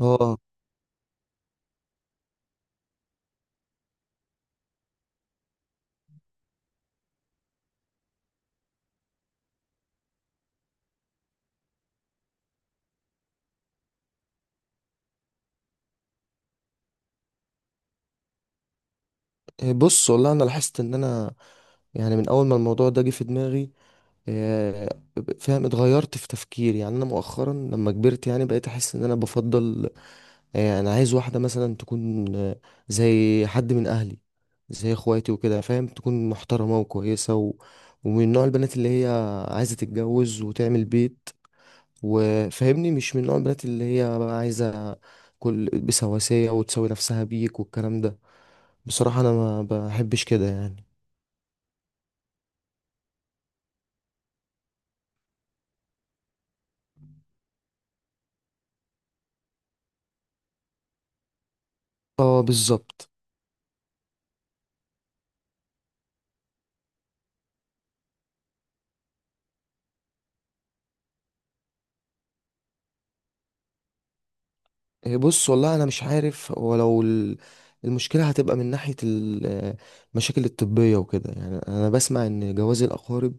اه. بص والله انا لاحظت ان انا يعني من اول ما الموضوع ده جه في دماغي، آه، فاهم اتغيرت في تفكيري. يعني انا مؤخرا لما كبرت يعني بقيت احس ان انا بفضل. انا عايز واحده مثلا تكون زي حد من اهلي، زي اخواتي وكده، فاهم تكون محترمه وكويسه ومن نوع البنات اللي هي عايزه تتجوز وتعمل بيت، وفاهمني مش من نوع البنات اللي هي بقى عايزه كل بسواسيه وتساوي نفسها بيك والكلام ده. بصراحة انا ما بحبش كده يعني. اه بالظبط. إيه، بص والله انا مش عارف، ولو المشكلة هتبقى من ناحية المشاكل الطبية وكده. يعني انا بسمع ان جواز الاقارب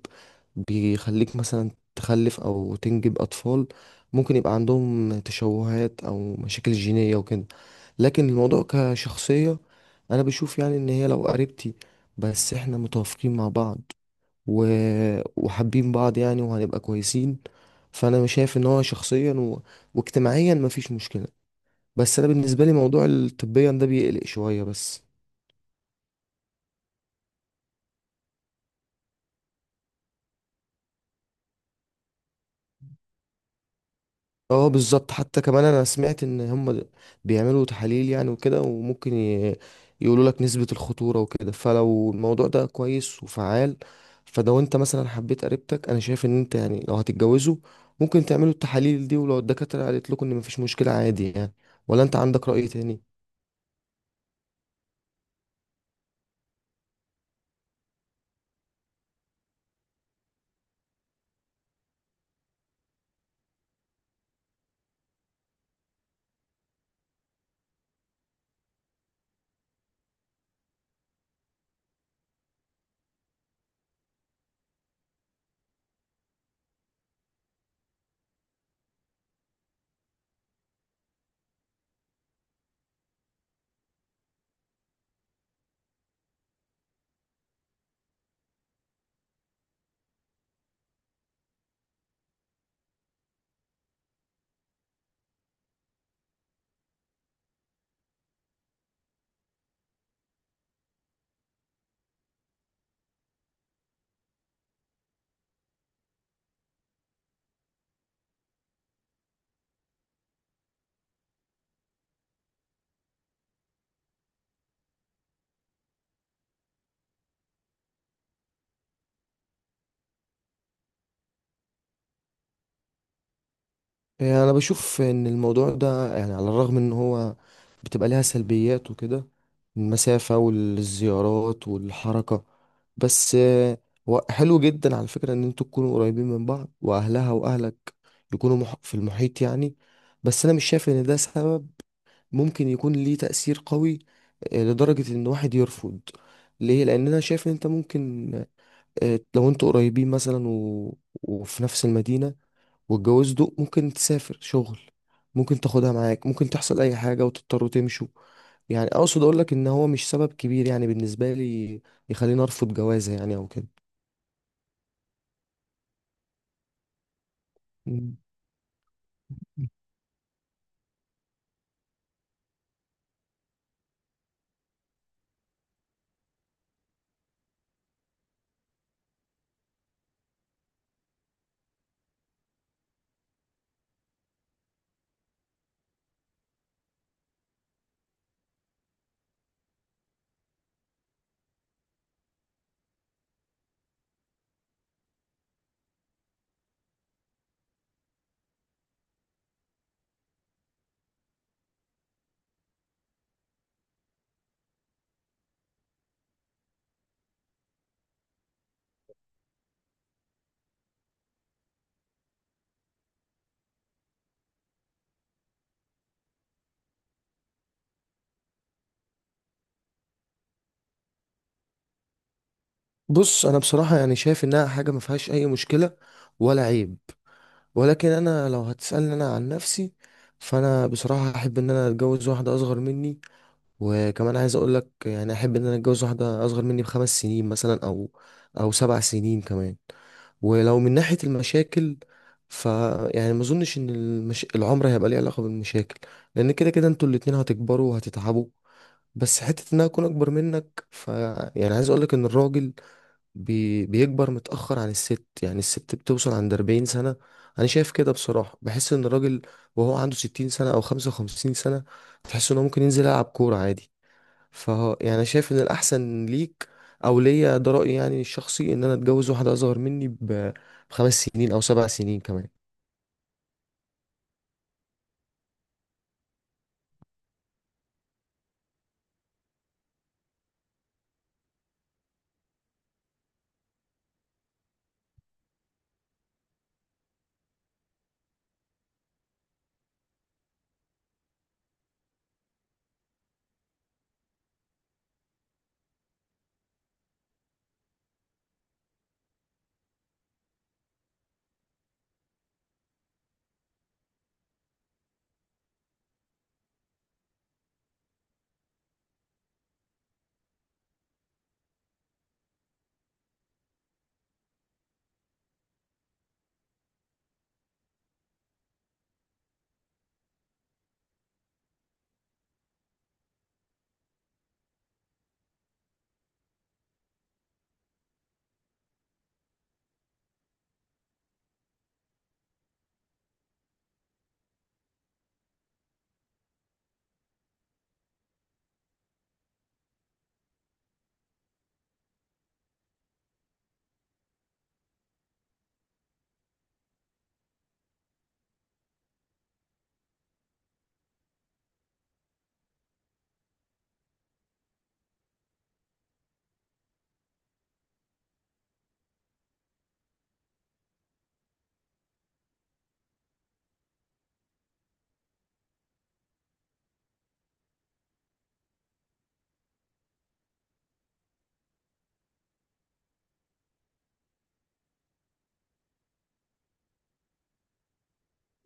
بيخليك مثلا تخلف او تنجب اطفال ممكن يبقى عندهم تشوهات او مشاكل جينية وكده. لكن الموضوع كشخصية انا بشوف يعني ان هي لو قريبتي، بس احنا متوافقين مع بعض و... وحابين بعض يعني، وهنبقى كويسين. فانا شايف ان هو شخصيا واجتماعيا مفيش مشكله. بس انا بالنسبه لي موضوع الطبيا ده بيقلق شويه بس. اه بالظبط. حتى كمان انا سمعت ان هم بيعملوا تحاليل يعني وكده، وممكن يقولوا لك نسبه الخطوره وكده. فلو الموضوع ده كويس وفعال، فلو انت مثلا حبيت قريبتك، انا شايف ان انت يعني لو هتتجوزوا ممكن تعملوا التحاليل دي، ولو الدكاتره قالت لكم ان مفيش مشكله عادي يعني. ولا انت عندك رأي تاني؟ يعني انا بشوف ان الموضوع ده يعني على الرغم ان هو بتبقى ليها سلبيات وكده، المسافة والزيارات والحركة. بس هو حلو جدا على فكرة ان انتوا تكونوا قريبين من بعض، واهلها واهلك يكونوا في المحيط يعني. بس انا مش شايف ان ده سبب ممكن يكون ليه تأثير قوي، لدرجة ان واحد يرفض. ليه؟ لان انا شايف ان انت ممكن، لو انتوا قريبين مثلا وفي نفس المدينة والجواز ده، ممكن تسافر شغل، ممكن تاخدها معاك، ممكن تحصل اي حاجة وتضطروا تمشوا. يعني اقصد اقول لك ان هو مش سبب كبير يعني بالنسبة لي يخليني ارفض جوازة يعني او كده. مم. بص انا بصراحة يعني شايف انها حاجة ما فيهاش اي مشكلة ولا عيب، ولكن انا لو هتسألني انا عن نفسي، فانا بصراحة احب ان انا اتجوز واحدة اصغر مني. وكمان عايز اقول لك يعني احب ان انا اتجوز واحده اصغر مني ب5 سنين مثلا او 7 سنين كمان. ولو من ناحيه المشاكل، ف يعني ما اظنش ان العمر هيبقى ليه علاقه بالمشاكل، لان كده كده انتوا الاتنين هتكبروا وهتتعبوا. بس حته ان انا اكون اكبر منك، يعني عايز اقول لك ان الراجل بيكبر متاخر عن الست. يعني الست بتوصل عند 40 سنه، انا شايف كده بصراحه. بحس ان الراجل وهو عنده 60 سنه او 55 سنه تحس ان هو ممكن ينزل يلعب كوره عادي. فهو يعني أنا شايف ان الاحسن ليك او ليا، ده رايي يعني الشخصي، ان انا اتجوز واحده اصغر مني ب5 سنين او 7 سنين كمان.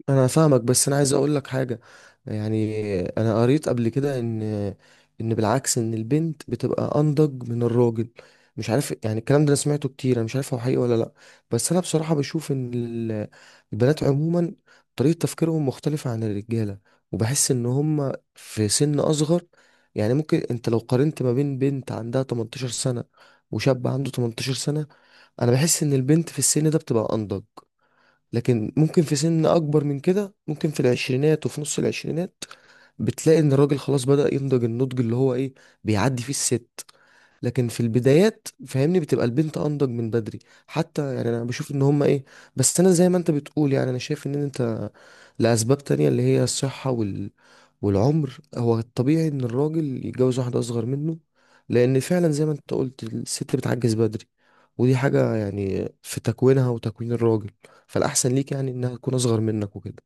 انا فاهمك، بس انا عايز اقول لك حاجه. يعني انا قريت قبل كده ان بالعكس، ان البنت بتبقى انضج من الراجل. مش عارف يعني، الكلام ده انا سمعته كتير انا مش عارف هو حقيقي ولا لا. بس انا بصراحه بشوف ان البنات عموما طريقه تفكيرهم مختلفه عن الرجاله، وبحس ان هم في سن اصغر. يعني ممكن انت لو قارنت ما بين بنت عندها 18 سنه وشاب عنده 18 سنه، انا بحس ان البنت في السن ده بتبقى انضج. لكن ممكن في سن اكبر من كده، ممكن في العشرينات وفي نص العشرينات، بتلاقي ان الراجل خلاص بدأ ينضج، النضج اللي هو ايه بيعدي فيه الست. لكن في البدايات فاهمني بتبقى البنت انضج من بدري. حتى يعني انا بشوف ان هما ايه. بس انا زي ما انت بتقول يعني انا شايف ان انت لاسباب تانية اللي هي الصحة والعمر هو الطبيعي ان الراجل يتجوز واحدة اصغر منه. لان فعلا زي ما انت قلت الست بتعجز بدري، ودي حاجة يعني في تكوينها وتكوين الراجل. فالاحسن ليك يعني انها تكون اصغر منك وكده.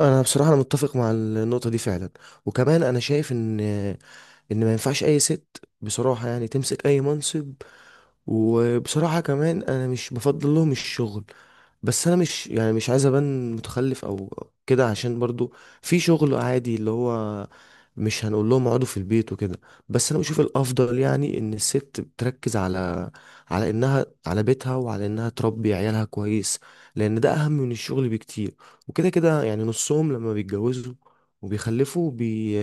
انا بصراحة انا متفق مع النقطة دي فعلا، وكمان انا شايف ان ما ينفعش اي ست بصراحة يعني تمسك اي منصب. وبصراحة كمان انا مش بفضل لهم الشغل. بس انا مش يعني مش عايز ابان متخلف او كده، عشان برضو في شغل عادي اللي هو مش هنقول لهم اقعدوا في البيت وكده. بس انا بشوف الافضل يعني ان الست بتركز على انها على بيتها وعلى انها تربي عيالها كويس، لان ده اهم من الشغل بكتير. وكده كده يعني نصهم لما بيتجوزوا وبيخلفوا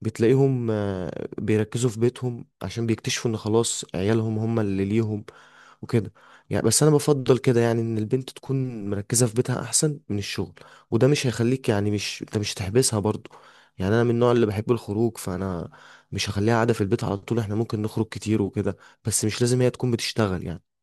بتلاقيهم، بيركزوا في بيتهم عشان بيكتشفوا ان خلاص عيالهم هم اللي ليهم وكده. يعني بس انا بفضل كده يعني ان البنت تكون مركزة في بيتها احسن من الشغل. وده مش هيخليك يعني، مش انت مش هتحبسها برضو. يعني انا من النوع اللي بحب الخروج، فانا مش هخليها قاعدة في البيت على طول، احنا ممكن نخرج كتير وكده. بس مش لازم هي تكون بتشتغل يعني.